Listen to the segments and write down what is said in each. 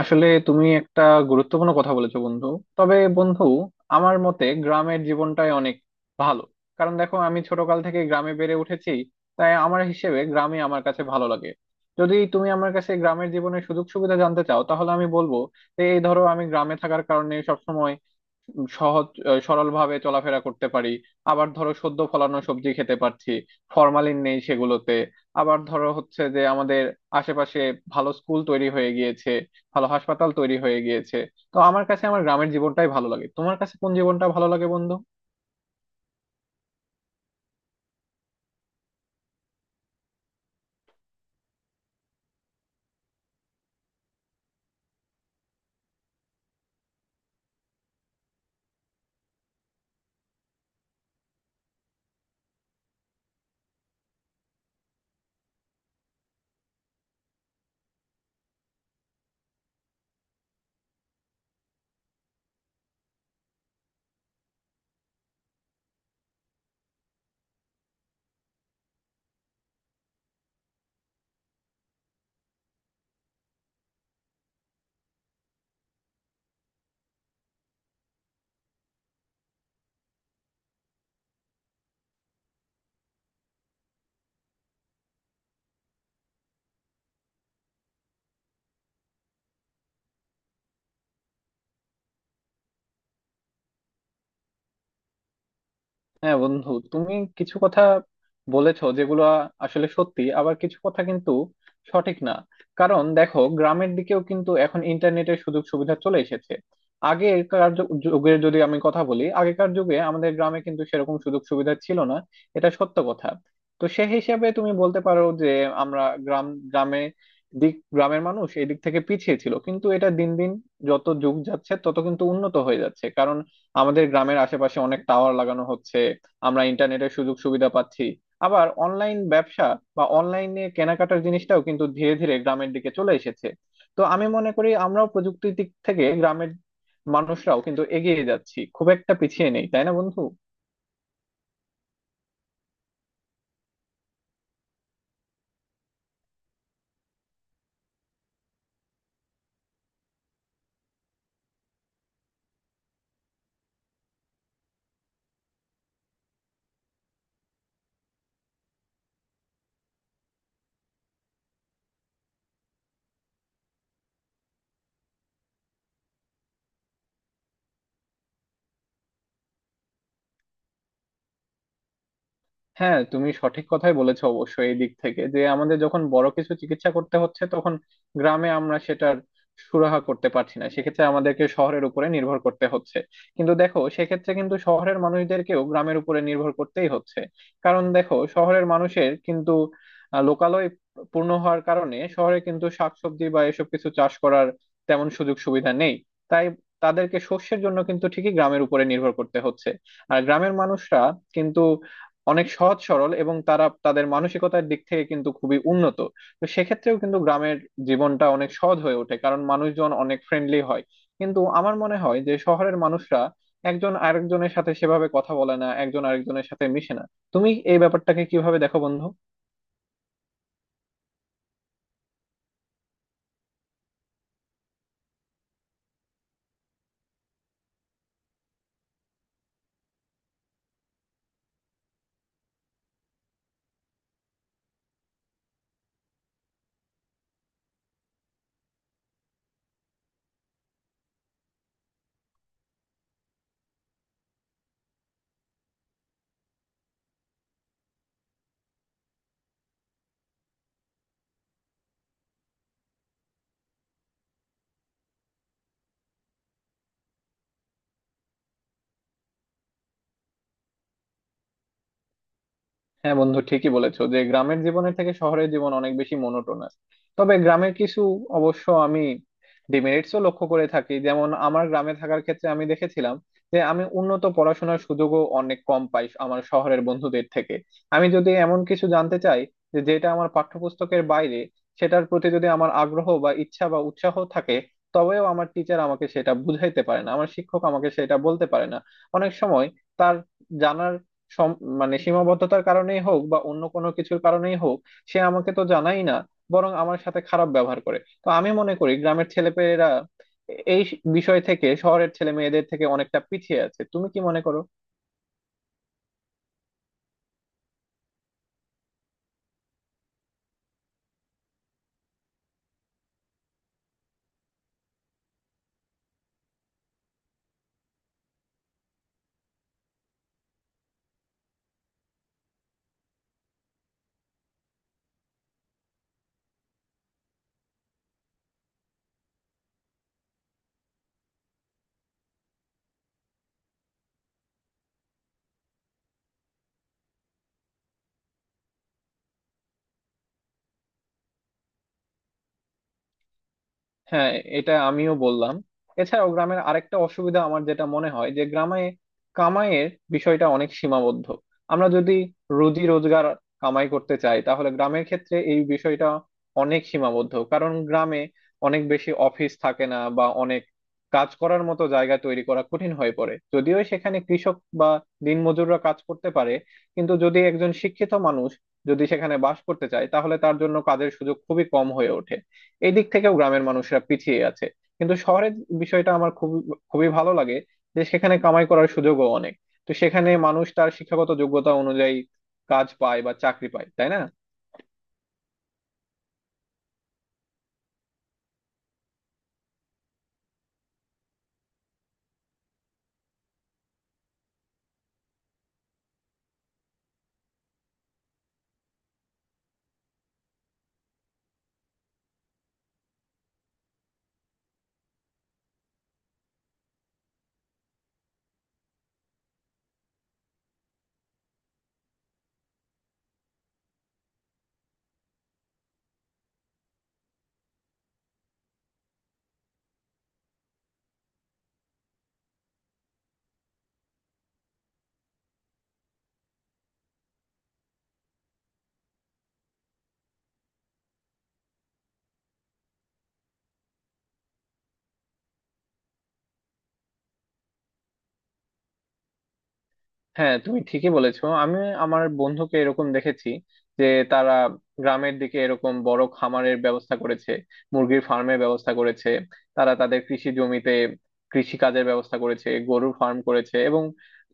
আসলে তুমি একটা গুরুত্বপূর্ণ কথা বলেছো বন্ধু। তবে বন্ধু, আমার মতে গ্রামের জীবনটাই অনেক ভালো। কারণ দেখো, আমি ছোটকাল থেকে গ্রামে বেড়ে উঠেছি, তাই আমার হিসেবে গ্রামে আমার কাছে ভালো লাগে। যদি তুমি আমার কাছে গ্রামের জীবনের সুযোগ সুবিধা জানতে চাও তাহলে আমি বলবো যে, এই ধরো, আমি গ্রামে থাকার কারণে সবসময় সহজ সরল ভাবে চলাফেরা করতে পারি। আবার ধরো, সদ্য ফলানো সবজি খেতে পারছি, ফরমালিন নেই সেগুলোতে। আবার ধরো হচ্ছে যে আমাদের আশেপাশে ভালো স্কুল তৈরি হয়ে গিয়েছে, ভালো হাসপাতাল তৈরি হয়ে গিয়েছে। তো আমার কাছে আমার গ্রামের জীবনটাই ভালো লাগে। তোমার কাছে কোন জীবনটা ভালো লাগে বন্ধু? হ্যাঁ বন্ধু, তুমি কিছু কথা বলেছো যেগুলো আসলে সত্যি, আবার কিছু কথা কিন্তু সঠিক না। কারণ দেখো, গ্রামের দিকেও কিন্তু এখন ইন্টারনেটের সুযোগ সুবিধা চলে এসেছে। আগেকার যুগের যদি আমি কথা বলি, আগেকার যুগে আমাদের গ্রামে কিন্তু সেরকম সুযোগ সুবিধা ছিল না, এটা সত্য কথা। তো সে হিসাবে তুমি বলতে পারো যে, আমরা গ্রামে দিক, গ্রামের মানুষ এই দিক থেকে পিছিয়ে ছিল, কিন্তু এটা দিন দিন, যত যুগ যাচ্ছে তত কিন্তু উন্নত হয়ে যাচ্ছে। কারণ আমাদের গ্রামের আশেপাশে অনেক টাওয়ার লাগানো হচ্ছে, আমরা ইন্টারনেটের সুযোগ সুবিধা পাচ্ছি। আবার অনলাইন ব্যবসা বা অনলাইনে কেনাকাটার জিনিসটাও কিন্তু ধীরে ধীরে গ্রামের দিকে চলে এসেছে। তো আমি মনে করি আমরাও প্রযুক্তির দিক থেকে গ্রামের মানুষরাও কিন্তু এগিয়ে যাচ্ছি, খুব একটা পিছিয়ে নেই, তাই না বন্ধু? হ্যাঁ, তুমি সঠিক কথাই বলেছো। অবশ্যই এই দিক থেকে যে আমাদের যখন বড় কিছু চিকিৎসা করতে হচ্ছে, তখন গ্রামে আমরা সেটার সুরাহা করতে পারছি না, সেক্ষেত্রে আমাদেরকে শহরের উপরে নির্ভর করতে হচ্ছে। কিন্তু দেখো, সেক্ষেত্রে কিন্তু শহরের মানুষদেরকেও গ্রামের উপরে নির্ভর করতেই হচ্ছে। কারণ দেখো, শহরের মানুষের কিন্তু লোকালয় পূর্ণ হওয়ার কারণে শহরে কিন্তু শাকসবজি বা এসব কিছু চাষ করার তেমন সুযোগ সুবিধা নেই। তাই তাদেরকে শস্যের জন্য কিন্তু ঠিকই গ্রামের উপরে নির্ভর করতে হচ্ছে। আর গ্রামের মানুষরা কিন্তু অনেক সহজ সরল, এবং তারা তাদের মানসিকতার দিক থেকে কিন্তু খুবই উন্নত। তো সেক্ষেত্রেও কিন্তু গ্রামের জীবনটা অনেক সহজ হয়ে ওঠে, কারণ মানুষজন অনেক ফ্রেন্ডলি হয়। কিন্তু আমার মনে হয় যে শহরের মানুষরা একজন আরেকজনের সাথে সেভাবে কথা বলে না, একজন আরেকজনের সাথে মিশে না। তুমি এই ব্যাপারটাকে কিভাবে দেখো বন্ধু? হ্যাঁ বন্ধু, ঠিকই বলেছো যে গ্রামের জীবনের থেকে শহরের জীবন অনেক বেশি মোনোটোনাস। তবে গ্রামের কিছু অবশ্য আমি ডিমেরিটসও লক্ষ্য করে থাকি। যেমন আমার গ্রামে থাকার ক্ষেত্রে আমি দেখেছিলাম যে আমি উন্নত পড়াশোনার সুযোগও অনেক কম পাই আমার শহরের বন্ধুদের থেকে। আমি যদি এমন কিছু জানতে চাই যে, যেটা আমার পাঠ্যপুস্তকের বাইরে, সেটার প্রতি যদি আমার আগ্রহ বা ইচ্ছা বা উৎসাহ থাকে, তবেও আমার টিচার আমাকে সেটা বুঝাইতে পারে না, আমার শিক্ষক আমাকে সেটা বলতে পারে না। অনেক সময় তার জানার মানে সীমাবদ্ধতার কারণেই হোক বা অন্য কোনো কিছুর কারণেই হোক, সে আমাকে তো জানাই না, বরং আমার সাথে খারাপ ব্যবহার করে। তো আমি মনে করি গ্রামের ছেলেপেলেরা এই বিষয় থেকে শহরের ছেলে মেয়েদের থেকে অনেকটা পিছিয়ে আছে। তুমি কি মনে করো? হ্যাঁ, এটা আমিও বললাম। এছাড়াও গ্রামের আরেকটা অসুবিধা আমার যেটা মনে হয় যে গ্রামে কামাইয়ের বিষয়টা অনেক সীমাবদ্ধ। আমরা যদি রুজি রোজগার কামাই করতে চাই তাহলে গ্রামের ক্ষেত্রে এই বিষয়টা অনেক সীমাবদ্ধ, কারণ গ্রামে অনেক বেশি অফিস থাকে না বা অনেক কাজ করার মতো জায়গা তৈরি করা কঠিন হয়ে পড়ে। যদিও সেখানে কৃষক বা দিনমজুররা কাজ করতে পারে, কিন্তু যদি একজন শিক্ষিত মানুষ যদি সেখানে বাস করতে চায় তাহলে তার জন্য কাজের সুযোগ খুবই কম হয়ে ওঠে। এই দিক থেকেও গ্রামের মানুষরা পিছিয়ে আছে। কিন্তু শহরের বিষয়টা আমার খুবই খুবই ভালো লাগে যে সেখানে কামাই করার সুযোগও অনেক। তো সেখানে মানুষ তার শিক্ষাগত যোগ্যতা অনুযায়ী কাজ পায় বা চাকরি পায়, তাই না? হ্যাঁ, তুমি ঠিকই বলেছো। আমি আমার বন্ধুকে এরকম দেখেছি যে তারা গ্রামের দিকে এরকম বড় খামারের ব্যবস্থা করেছে, মুরগির ফার্মের ব্যবস্থা করেছে, তারা তাদের কৃষি জমিতে কৃষি কাজের ব্যবস্থা করেছে, গরুর ফার্ম করেছে, এবং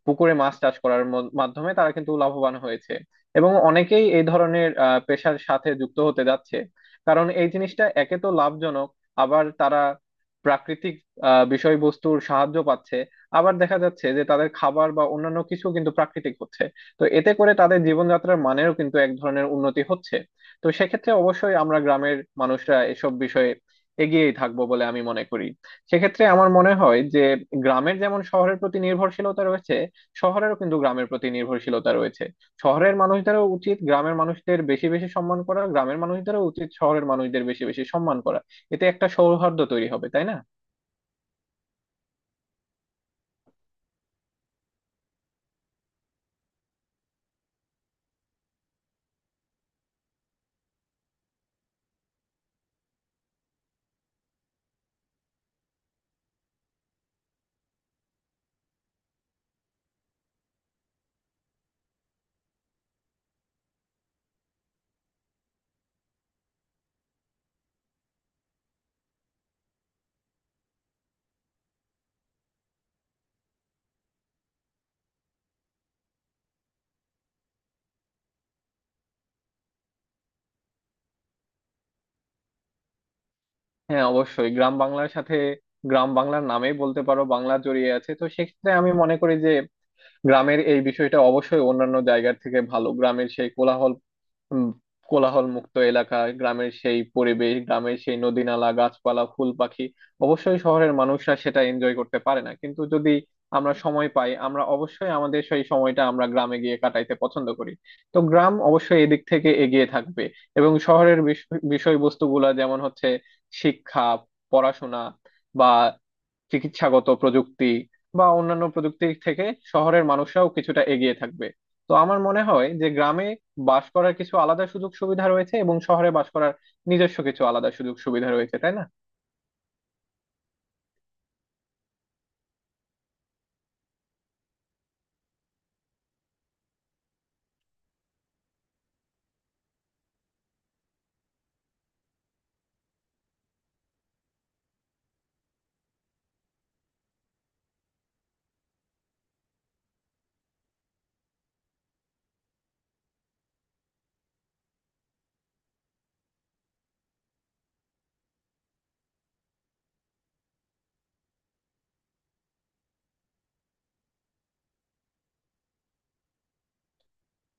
পুকুরে মাছ চাষ করার মাধ্যমে তারা কিন্তু লাভবান হয়েছে। এবং অনেকেই এই ধরনের পেশার সাথে যুক্ত হতে যাচ্ছে। কারণ এই জিনিসটা একে তো লাভজনক, আবার তারা প্রাকৃতিক বিষয়বস্তুর সাহায্য পাচ্ছে। আবার দেখা যাচ্ছে যে তাদের খাবার বা অন্যান্য কিছু কিন্তু প্রাকৃতিক হচ্ছে। তো এতে করে তাদের জীবনযাত্রার মানেরও কিন্তু এক ধরনের উন্নতি হচ্ছে। তো সেক্ষেত্রে অবশ্যই আমরা গ্রামের মানুষরা এসব বিষয়ে এগিয়েই থাকবো বলে আমি মনে করি। সেক্ষেত্রে আমার মনে হয় যে গ্রামের যেমন শহরের প্রতি নির্ভরশীলতা রয়েছে, শহরেরও কিন্তু গ্রামের প্রতি নির্ভরশীলতা রয়েছে। শহরের মানুষদেরও উচিত গ্রামের মানুষদের বেশি বেশি সম্মান করা, গ্রামের মানুষদেরও উচিত শহরের মানুষদের বেশি বেশি সম্মান করা। এতে একটা সৌহার্দ্য তৈরি হবে, তাই না? হ্যাঁ, অবশ্যই গ্রাম বাংলার সাথে, গ্রাম বাংলার নামেই বলতে পারো বাংলা জড়িয়ে আছে। তো সেক্ষেত্রে আমি মনে করি যে গ্রামের এই বিষয়টা অবশ্যই অন্যান্য জায়গার থেকে ভালো। গ্রামের সেই কোলাহল, উম, কোলাহল মুক্ত এলাকা, গ্রামের সেই পরিবেশ, গ্রামের সেই নদী নালা গাছপালা ফুল পাখি, অবশ্যই শহরের মানুষরা সেটা এনজয় করতে পারে না। কিন্তু যদি আমরা সময় পাই, আমরা অবশ্যই আমাদের সেই সময়টা আমরা গ্রামে গিয়ে কাটাইতে পছন্দ করি। তো গ্রাম অবশ্যই এদিক থেকে এগিয়ে থাকবে। এবং শহরের বিষয়বস্তুগুলা যেমন হচ্ছে শিক্ষা, পড়াশোনা, বা চিকিৎসাগত প্রযুক্তি বা অন্যান্য প্রযুক্তির থেকে শহরের মানুষরাও কিছুটা এগিয়ে থাকবে। তো আমার মনে হয় যে গ্রামে বাস করার কিছু আলাদা সুযোগ সুবিধা রয়েছে, এবং শহরে বাস করার নিজস্ব কিছু আলাদা সুযোগ সুবিধা রয়েছে, তাই না?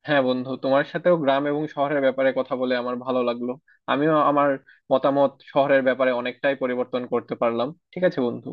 হ্যাঁ বন্ধু, তোমার সাথেও গ্রাম এবং শহরের ব্যাপারে কথা বলে আমার ভালো লাগলো। আমিও আমার মতামত শহরের ব্যাপারে অনেকটাই পরিবর্তন করতে পারলাম। ঠিক আছে বন্ধু।